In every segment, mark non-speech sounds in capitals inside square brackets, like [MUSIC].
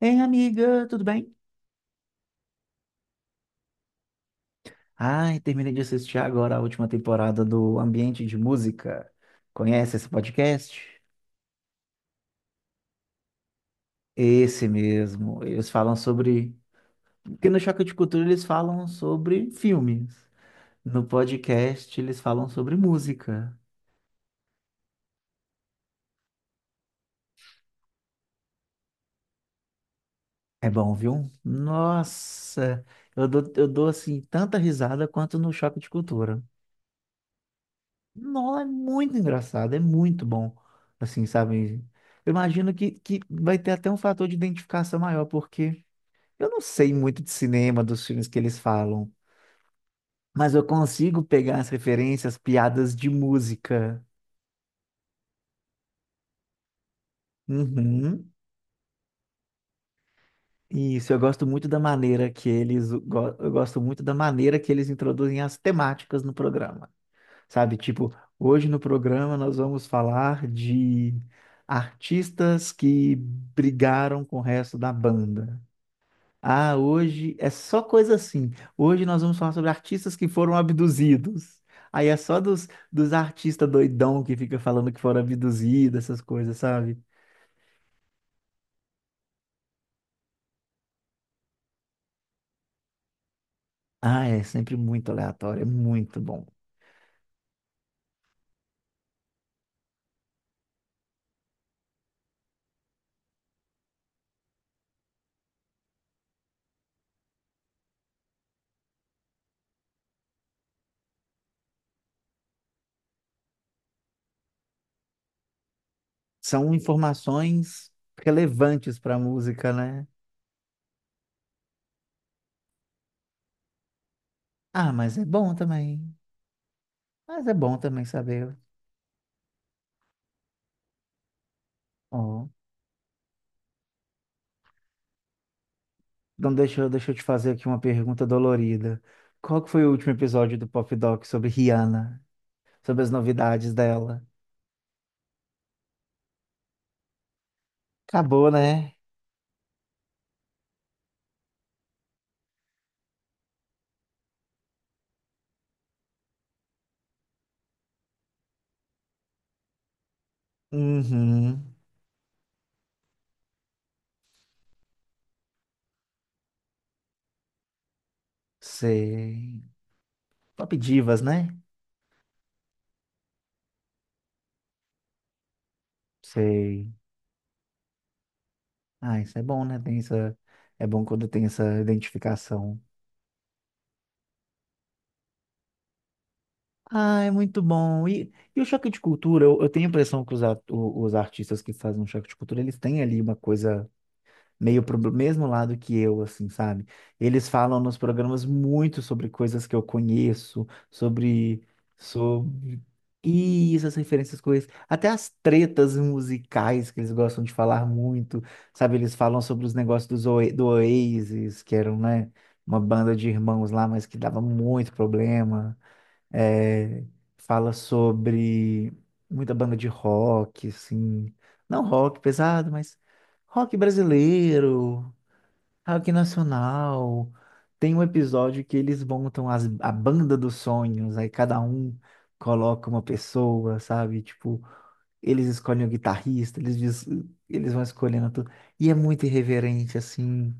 Ei, amiga, tudo bem? Ai, terminei de assistir agora a última temporada do Ambiente de Música. Conhece esse podcast? Esse mesmo. Eles falam sobre. Porque no Choque de Cultura eles falam sobre filmes. No podcast eles falam sobre música. É bom, viu? Nossa, eu dou assim tanta risada quanto no Choque de Cultura. Não, é muito engraçado, é muito bom. Assim, sabe? Eu imagino que vai ter até um fator de identificação maior, porque eu não sei muito de cinema, dos filmes que eles falam, mas eu consigo pegar as referências, piadas de música. Uhum. Isso, eu gosto muito da maneira que eu gosto muito da maneira que eles introduzem as temáticas no programa. Sabe, tipo, hoje no programa nós vamos falar de artistas que brigaram com o resto da banda. Ah, hoje é só coisa assim. Hoje nós vamos falar sobre artistas que foram abduzidos. Aí é só dos artistas doidão que fica falando que foram abduzidos, essas coisas, sabe? Ah, é sempre muito aleatório, é muito bom. São informações relevantes para a música, né? Ah, mas é bom também. Mas é bom também saber. Ó. Então, deixa eu te fazer aqui uma pergunta dolorida. Qual que foi o último episódio do Pop Doc sobre Rihanna? Sobre as novidades dela? Acabou, né? Uhum. Sei. Top divas, né? Sei. Ah, isso é bom, né? Tem essa... É bom quando tem essa identificação. Ah, é muito bom. E o choque de cultura, eu tenho a impressão que os artistas que fazem um choque de cultura, eles têm ali uma coisa meio pro mesmo lado que eu, assim, sabe? Eles falam nos programas muito sobre coisas que eu conheço, sobre, sobre isso, as referências com isso, até as tretas musicais que eles gostam de falar muito, sabe? Eles falam sobre os negócios do Oasis, que eram, né, uma banda de irmãos lá, mas que dava muito problema. É, fala sobre muita banda de rock, assim. Não rock pesado, mas rock brasileiro, rock nacional. Tem um episódio que eles montam a banda dos sonhos, aí cada um coloca uma pessoa, sabe? Tipo, eles escolhem o guitarrista, eles vão escolhendo tudo. E é muito irreverente, assim.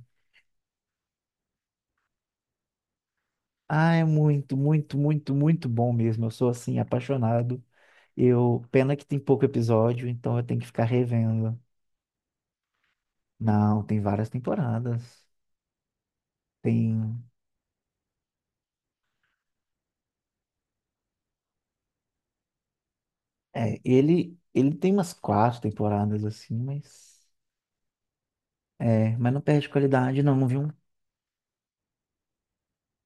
Ah, é muito, muito, muito, muito bom mesmo. Eu sou, assim, apaixonado. Eu, pena que tem pouco episódio, então eu tenho que ficar revendo. Não, tem várias temporadas. Tem, ele tem umas 4 temporadas assim, mas é, mas não perde qualidade não, viu?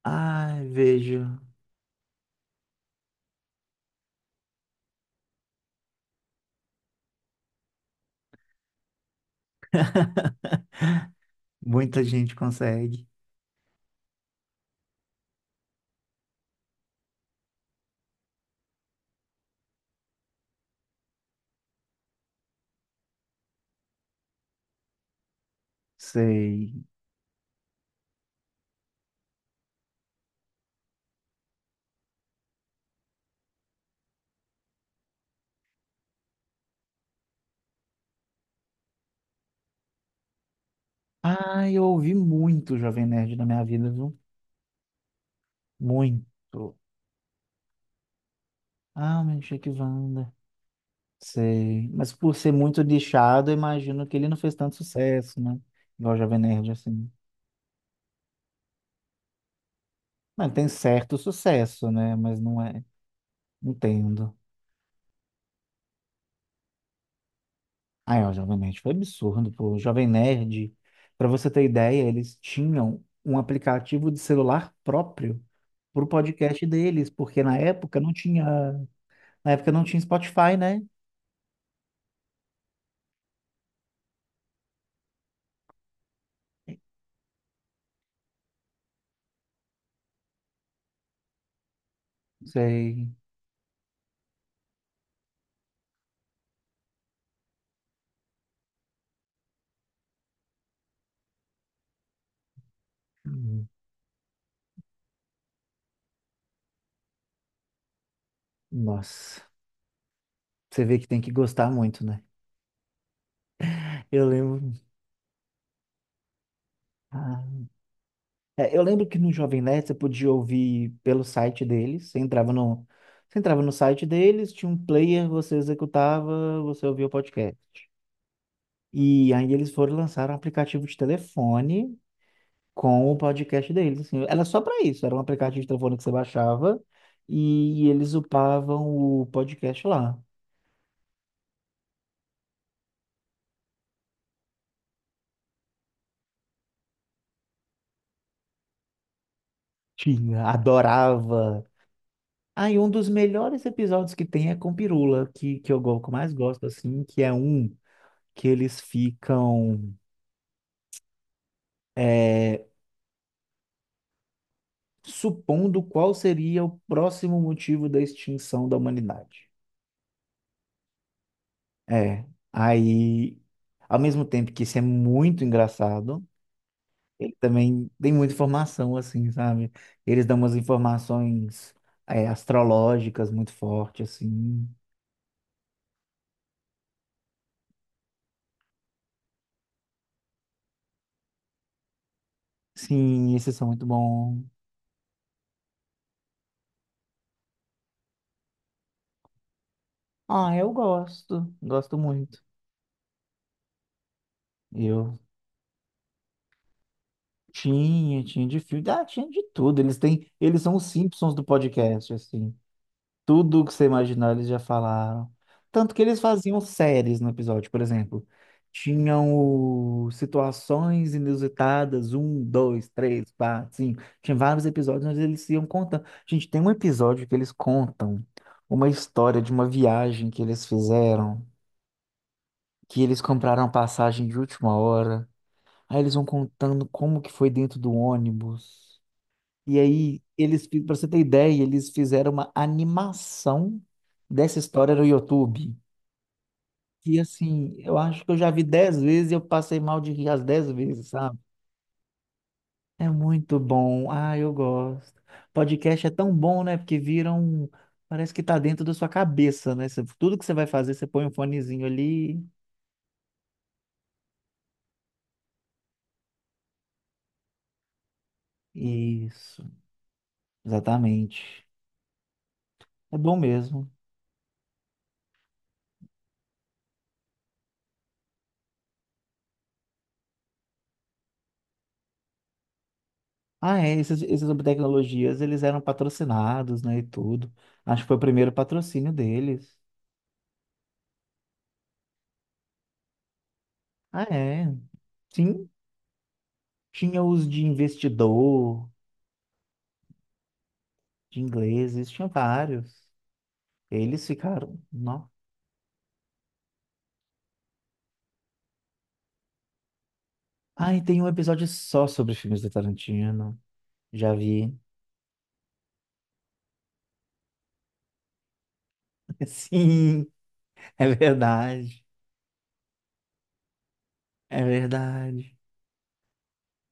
Ai, vejo, muita gente consegue. Sei. Ah, eu ouvi muito Jovem Nerd na minha vida, viu? Muito. Ah, meu Chique Wanda. Sei. Mas por ser muito nichado, eu imagino que ele não fez tanto sucesso, né? Igual Jovem Nerd, assim. Mas tem certo sucesso, né? Mas não é. Entendo. Ah, é, o Jovem Nerd foi absurdo, pô. O Jovem Nerd, para você ter ideia, eles tinham um aplicativo de celular próprio pro podcast deles, porque na época não tinha, na época não tinha Spotify, né? Sei. Hum, Nossa, você vê que tem que gostar muito, né? Eu lembro. É, eu lembro que no Jovem Nerd você podia ouvir pelo site deles. Você entrava no site deles, tinha um player, você executava, você ouvia o podcast. E aí eles foram lançar um aplicativo de telefone com o podcast deles. Assim, era só para isso, era um aplicativo de telefone que você baixava e eles upavam o podcast lá. Tinha, adorava. Aí um dos melhores episódios que tem é com Pirula, que eu mais gosto, assim, que é um que eles ficam. É, supondo qual seria o próximo motivo da extinção da humanidade. É, aí, ao mesmo tempo que isso é muito engraçado, ele também tem muita informação, assim, sabe? Eles dão umas informações, é, astrológicas muito fortes, assim. Sim, esses são muito bons. Ah, eu gosto, gosto muito. Eu tinha, tinha de filme, ah, tinha de tudo. Eles têm, eles são os Simpsons do podcast, assim. Tudo que você imaginar, eles já falaram. Tanto que eles faziam séries no episódio, por exemplo. Tinham o situações inusitadas, um, dois, três, quatro, cinco. Tinha vários episódios onde eles iam contando. Gente, tem um episódio que eles contam uma história de uma viagem que eles fizeram, que eles compraram passagem de última hora. Aí eles vão contando como que foi dentro do ônibus. E aí, eles, para você ter ideia, eles fizeram uma animação dessa história no YouTube. E assim, eu acho que eu já vi 10 vezes e eu passei mal de rir as 10 vezes, sabe? É muito bom. Ah, eu gosto. Podcast é tão bom, né? Porque vira um. Parece que tá dentro da sua cabeça, né? Você- Tudo que você vai fazer, você põe um fonezinho ali. Isso, exatamente. É bom mesmo. Ah, é, esses, esses sobre tecnologias, eles eram patrocinados, né, e tudo. Acho que foi o primeiro patrocínio deles. Ah, é. Sim, tinha os de investidor, de ingleses, tinha vários. Eles ficaram, não. Ah, e tem um episódio só sobre filmes do Tarantino. Já vi. [LAUGHS] Sim, é verdade. É verdade.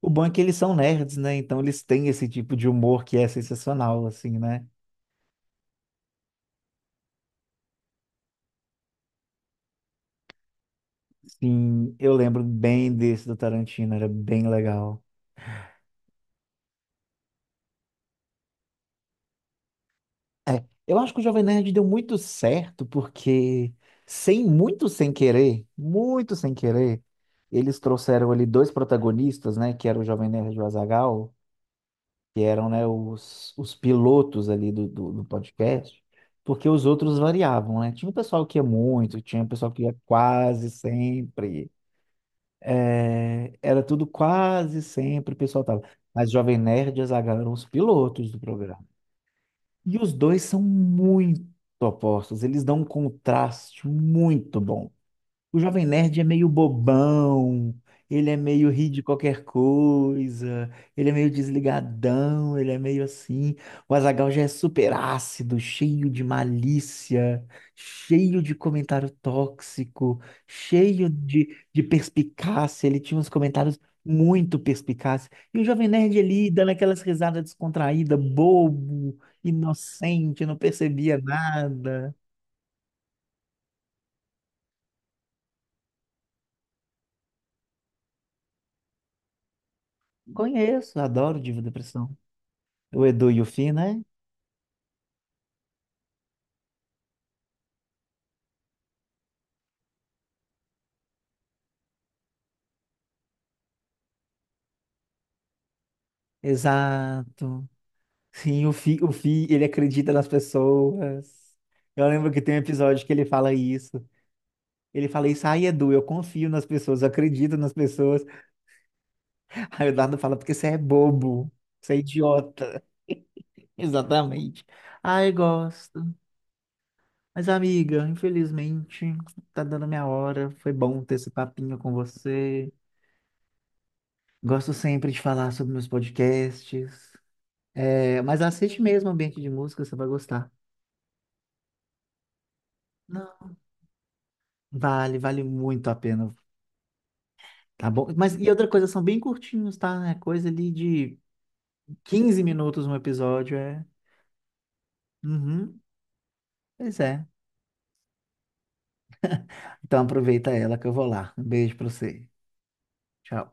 O bom é que eles são nerds, né? Então eles têm esse tipo de humor que é sensacional, assim, né? Sim, eu lembro bem desse do Tarantino, era bem legal. É, eu acho que o Jovem Nerd deu muito certo, porque sem muito sem querer, muito sem querer, eles trouxeram ali dois protagonistas, né? Que era o Jovem Nerd e o Azaghal, que eram, né, os pilotos ali do podcast, porque os outros variavam, né? Tinha um pessoal que ia muito, tinha um pessoal que ia quase sempre. É, era tudo quase sempre o pessoal tava. Mas Jovem Nerd e Azaghal eram os pilotos do programa. E os dois são muito opostos, eles dão um contraste muito bom. O Jovem Nerd é meio bobão, ele é meio ri de qualquer coisa, ele é meio desligadão, ele é meio assim. O Azaghal já é super ácido, cheio de malícia, cheio de comentário tóxico, cheio de perspicácia. Ele tinha uns comentários muito perspicazes. E o Jovem Nerd ali, dando aquelas risadas descontraídas, bobo, inocente, não percebia nada. Conheço, adoro Diva Depressão. O Edu e o Fi, né? Exato. Sim, o Fi, ele acredita nas pessoas. Eu lembro que tem um episódio que ele fala isso. Ele fala isso, ai, Edu, eu confio nas pessoas, eu acredito nas pessoas. Aí o Eduardo fala, porque você é bobo, você é idiota. [LAUGHS] Exatamente. Ai, gosto. Mas, amiga, infelizmente, tá dando minha hora. Foi bom ter esse papinho com você. Gosto sempre de falar sobre meus podcasts. É, mas assiste mesmo Ambiente de Música, você vai gostar. Vale, vale muito a pena, tá bom? Mas e outra coisa, são bem curtinhos, tá? É coisa ali de 15 minutos um episódio, é. Uhum, pois é. Então aproveita ela que eu vou lá. Um beijo pra você. Tchau.